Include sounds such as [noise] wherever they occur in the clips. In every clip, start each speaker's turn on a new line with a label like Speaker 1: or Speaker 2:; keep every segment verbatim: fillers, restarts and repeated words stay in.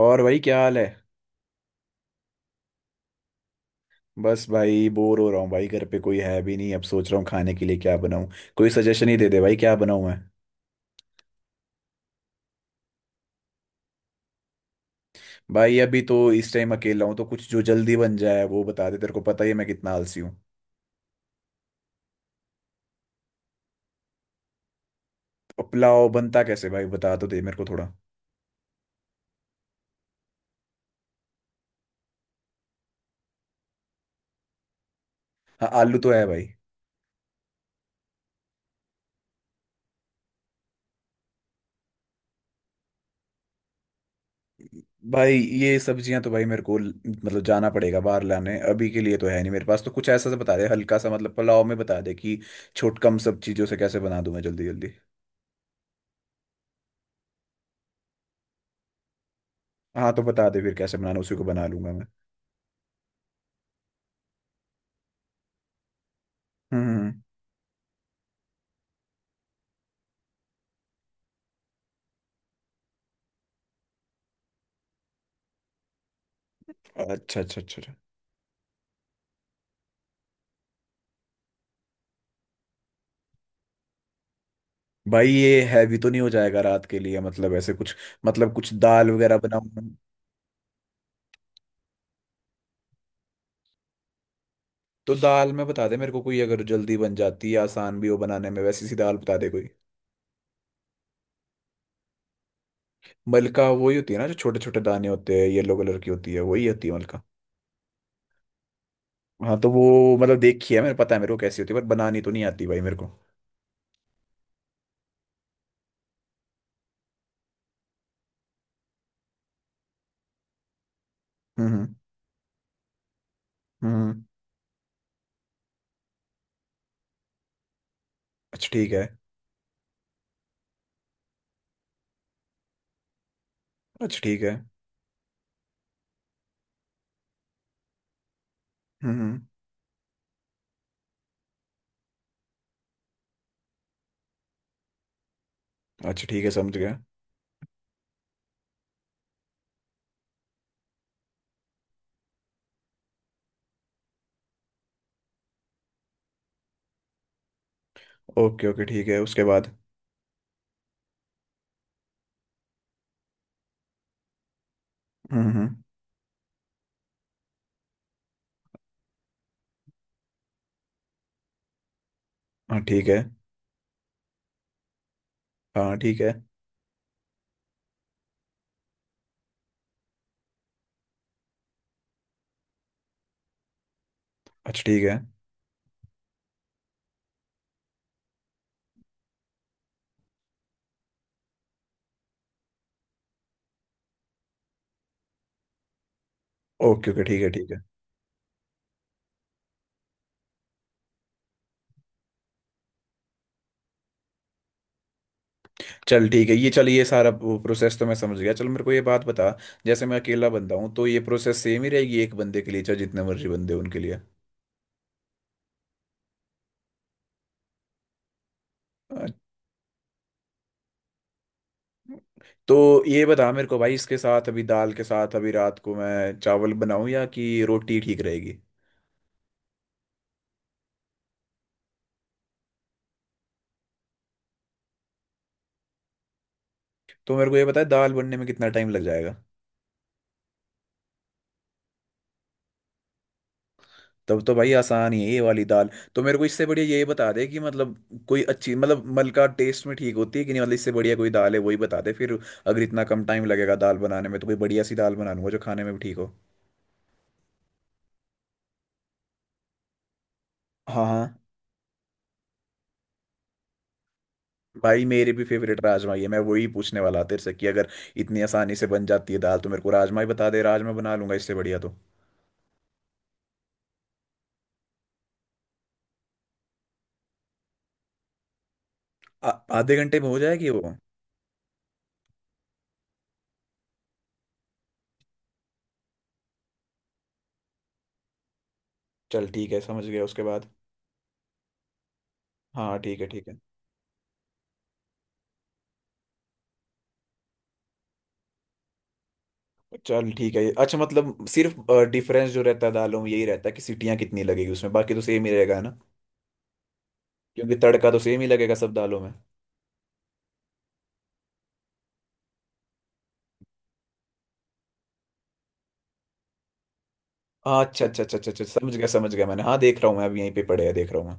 Speaker 1: और भाई, क्या हाल है। बस भाई, बोर हो रहा हूँ भाई, घर पे कोई है भी नहीं। अब सोच रहा हूँ खाने के लिए क्या बनाऊँ। कोई सजेशन ही दे दे भाई, क्या बनाऊँ मैं। भाई अभी तो इस टाइम अकेला हूँ, तो कुछ जो जल्दी बन जाए वो बता दे। तेरे को पता ही है मैं कितना आलसी हूँ। और पुलाव बनता कैसे भाई, बता तो दे मेरे को थोड़ा। हाँ, आलू तो है भाई। भाई, ये सब्जियां तो भाई मेरे को ल- मतलब जाना पड़ेगा बाहर लाने। अभी के लिए तो है नहीं मेरे पास, तो कुछ ऐसा सा बता दे हल्का सा, मतलब पुलाव में बता दे कि छोट कम सब चीजों से कैसे बना दूं मैं जल्दी जल्दी। हाँ, तो बता दे फिर कैसे बनाना, उसी को बना लूंगा मैं। हम्म हम्म, हम्म। अच्छा अच्छा अच्छा अच्छा। भाई, ये हैवी तो नहीं हो जाएगा रात के लिए, मतलब ऐसे कुछ, मतलब कुछ दाल वगैरह बनाऊं। तो दाल में बता दे मेरे को कोई, अगर जल्दी बन जाती है, आसान भी हो बनाने में, वैसी सी दाल बता दे कोई। मलका वही होती है ना, जो छोटे छोटे दाने होते हैं, येलो कलर की होती है, वही होती है मलका। हाँ, तो वो मतलब देखी है, मेरे पता है मेरे को कैसी होती है, पर बनानी तो नहीं आती भाई मेरे को। हम्म हम्म। हम्म। हम्म। अच्छा ठीक है। अच्छा ठीक है। हम्म हम्म। अच्छा ठीक है, समझ गया। ओके ओके ठीक है, उसके बाद? हम्म हम्म। हाँ ठीक है। हाँ ठीक है। अच्छा ठीक है। ओके ओके ठीक है ठीक है। चल ठीक है ये, चल ये सारा प्रोसेस तो मैं समझ गया। चल मेरे को ये बात बता, जैसे मैं अकेला बंदा हूँ, तो ये प्रोसेस सेम ही रहेगी एक बंदे के लिए, चाहे जितने मर्जी बंदे हों उनके लिए? अ, तो ये बता मेरे को भाई, इसके साथ अभी दाल के साथ, अभी रात को मैं चावल बनाऊं या कि रोटी ठीक रहेगी। तो मेरे को ये बता, दाल बनने में कितना टाइम लग जाएगा। तब तो भाई आसान ही है ये वाली दाल। तो मेरे को इससे बढ़िया यही बता दे कि मतलब कोई अच्छी, मतलब मलका टेस्ट में ठीक होती है कि नहीं, मतलब इससे बढ़िया कोई दाल है वही बता दे फिर। अगर इतना कम टाइम लगेगा दाल बनाने में तो कोई बढ़िया सी दाल बना लूंगा जो खाने में भी ठीक हो। हाँ हाँ। भाई मेरी भी फेवरेट राजमा ही है, मैं वही पूछने वाला था तेरे से कि अगर इतनी आसानी से बन जाती है दाल तो मेरे को राजमा ही बता दे, राजमा बना लूंगा इससे बढ़िया तो। आ- आधे घंटे में हो जाएगी वो? चल ठीक है, समझ गया। उसके बाद? हाँ ठीक है ठीक है। चल ठीक है, अच्छा मतलब सिर्फ डिफरेंस जो रहता है दालों में यही रहता है कि सीटियाँ कितनी लगेगी उसमें, बाकी तो सेम ही रहेगा ना। क्योंकि तड़का तो सेम ही लगेगा सब दालों में। हाँ अच्छा अच्छा अच्छा अच्छा अच्छा, समझ गया समझ गया मैंने। हाँ, देख रहा हूँ मैं, अब यहीं पे पड़े हैं, देख रहा हूँ मैं।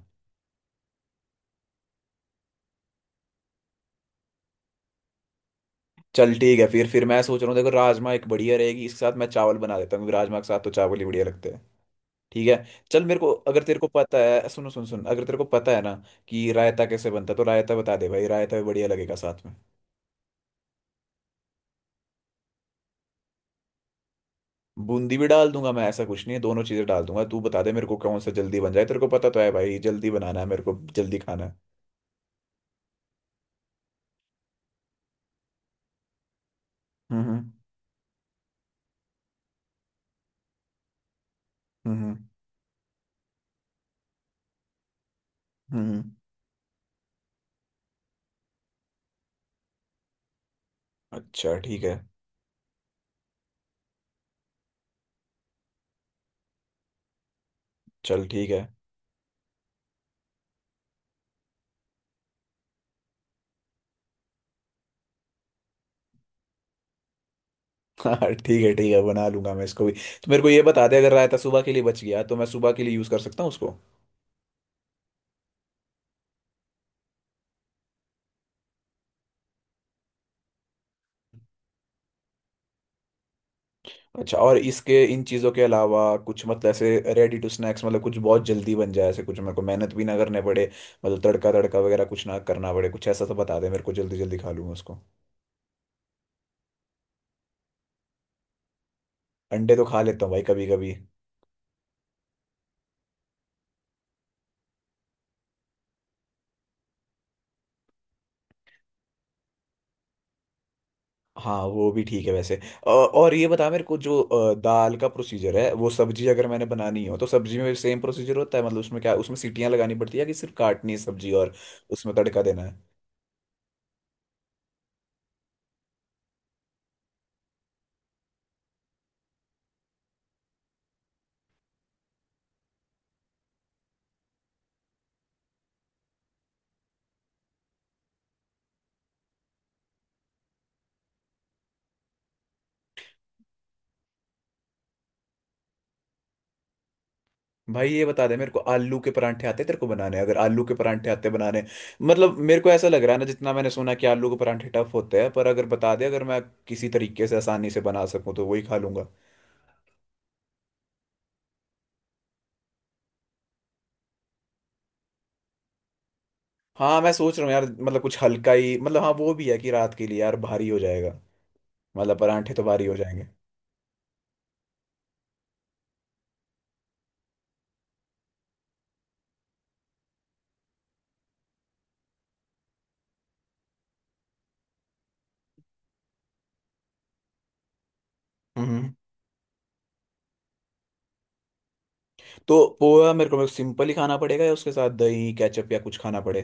Speaker 1: चल ठीक है फिर फिर मैं सोच रहा हूँ, देखो राजमा एक बढ़िया रहेगी, इसके साथ मैं चावल बना देता हूँ क्योंकि राजमा के साथ तो चावल ही बढ़िया लगते हैं। ठीक है। चल मेरे को, अगर तेरे को पता है, सुनो सुन सुन, अगर तेरे को पता है ना कि रायता कैसे बनता है तो रायता बता दे भाई, रायता भी बढ़िया लगेगा साथ में। बूंदी भी डाल दूंगा मैं, ऐसा कुछ नहीं है, दोनों चीजें डाल दूंगा। तू बता दे मेरे को कौन सा जल्दी बन जाए, तेरे को पता तो है भाई, जल्दी बनाना है मेरे को, जल्दी खाना है। हम्म हम्म हम्म हम्म। अच्छा ठीक है। चल ठीक है। [laughs] हाँ ठीक है ठीक है, बना लूंगा मैं इसको भी। तो मेरे को ये बता दे, अगर रायता सुबह के लिए बच गया तो मैं सुबह के लिए यूज कर सकता हूँ उसको? अच्छा। और इसके इन चीजों के अलावा कुछ, मतलब ऐसे रेडी टू स्नैक्स, मतलब कुछ बहुत जल्दी बन जाए, ऐसे कुछ मेरे को मेहनत भी ना करने पड़े, मतलब तड़का तड़का वगैरह कुछ ना करना पड़े, कुछ ऐसा तो बता दे मेरे को, जल्दी जल्दी खा लूंगा उसको। अंडे तो खा लेता हूँ भाई, कभी कभी। हाँ वो भी ठीक है वैसे। अ, और ये बता मेरे को, जो अ, दाल का प्रोसीजर है, वो सब्जी अगर मैंने बनानी हो तो सब्जी में भी सेम प्रोसीजर होता है, मतलब उसमें क्या उसमें सीटियाँ लगानी पड़ती है कि सिर्फ काटनी है सब्जी और उसमें तड़का देना है? भाई, ये बता दे मेरे को, आलू के परांठे आते हैं तेरे को बनाने? अगर आलू के परांठे आते बनाने, मतलब मेरे को ऐसा लग रहा है ना, जितना मैंने सुना कि आलू के परांठे टफ होते हैं, पर अगर बता दे, अगर मैं किसी तरीके से आसानी से बना सकूं तो वही खा लूंगा। हाँ मैं सोच रहा हूँ यार, मतलब कुछ हल्का ही, मतलब हाँ वो भी है कि रात के लिए यार भारी हो जाएगा, मतलब परांठे तो भारी हो जाएंगे। हम्म। तो पोहा मेरे को सिंपल ही खाना पड़ेगा, या उसके साथ दही केचप या कुछ खाना पड़े?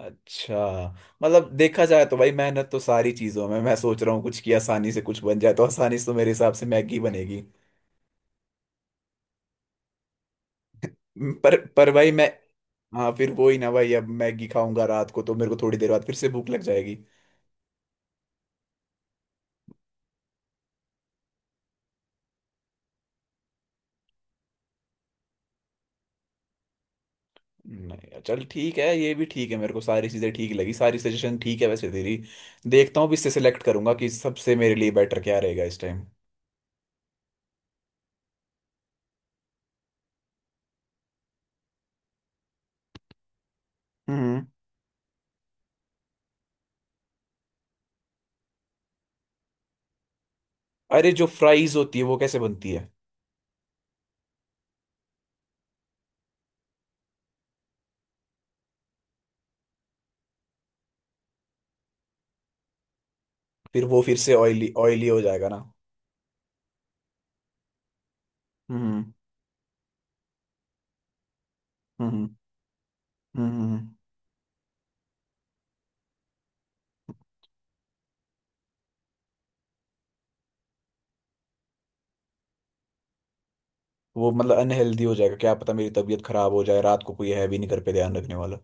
Speaker 1: अच्छा। मतलब देखा जाए तो भाई मेहनत तो सारी चीजों में। मैं सोच रहा हूँ कुछ की आसानी से कुछ बन जाए, तो आसानी से तो मेरे हिसाब से मैगी बनेगी। पर पर भाई मैं, हाँ फिर वो ही ना भाई, अब मैगी खाऊंगा रात को तो मेरे को थोड़ी देर बाद फिर से भूख लग जाएगी। नहीं चल ठीक है, ये भी ठीक है, मेरे को सारी चीजें ठीक लगी, सारी सजेशन ठीक है वैसे तेरी। देखता हूँ, भी इससे सेलेक्ट करूंगा कि सबसे मेरे लिए बेटर क्या रहेगा इस टाइम। अरे, जो फ्राइज होती है वो कैसे बनती है? फिर वो फिर से ऑयली ऑयली हो जाएगा ना? हम्म। हम्म। हम्म। वो मतलब अनहेल्दी हो जाएगा, क्या पता मेरी तबीयत खराब हो जाए रात को, कोई है भी नहीं घर पे ध्यान रखने वाला।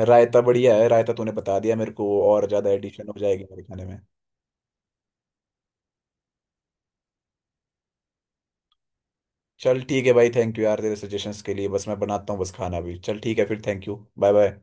Speaker 1: रायता बढ़िया है, रायता तूने बता दिया मेरे को, और ज्यादा एडिशन हो जाएगी मेरे खाने में। चल ठीक है भाई, थैंक यू यार तेरे सजेशंस के लिए। बस मैं बनाता हूँ बस खाना भी। चल ठीक है फिर, थैंक यू, बाय बाय।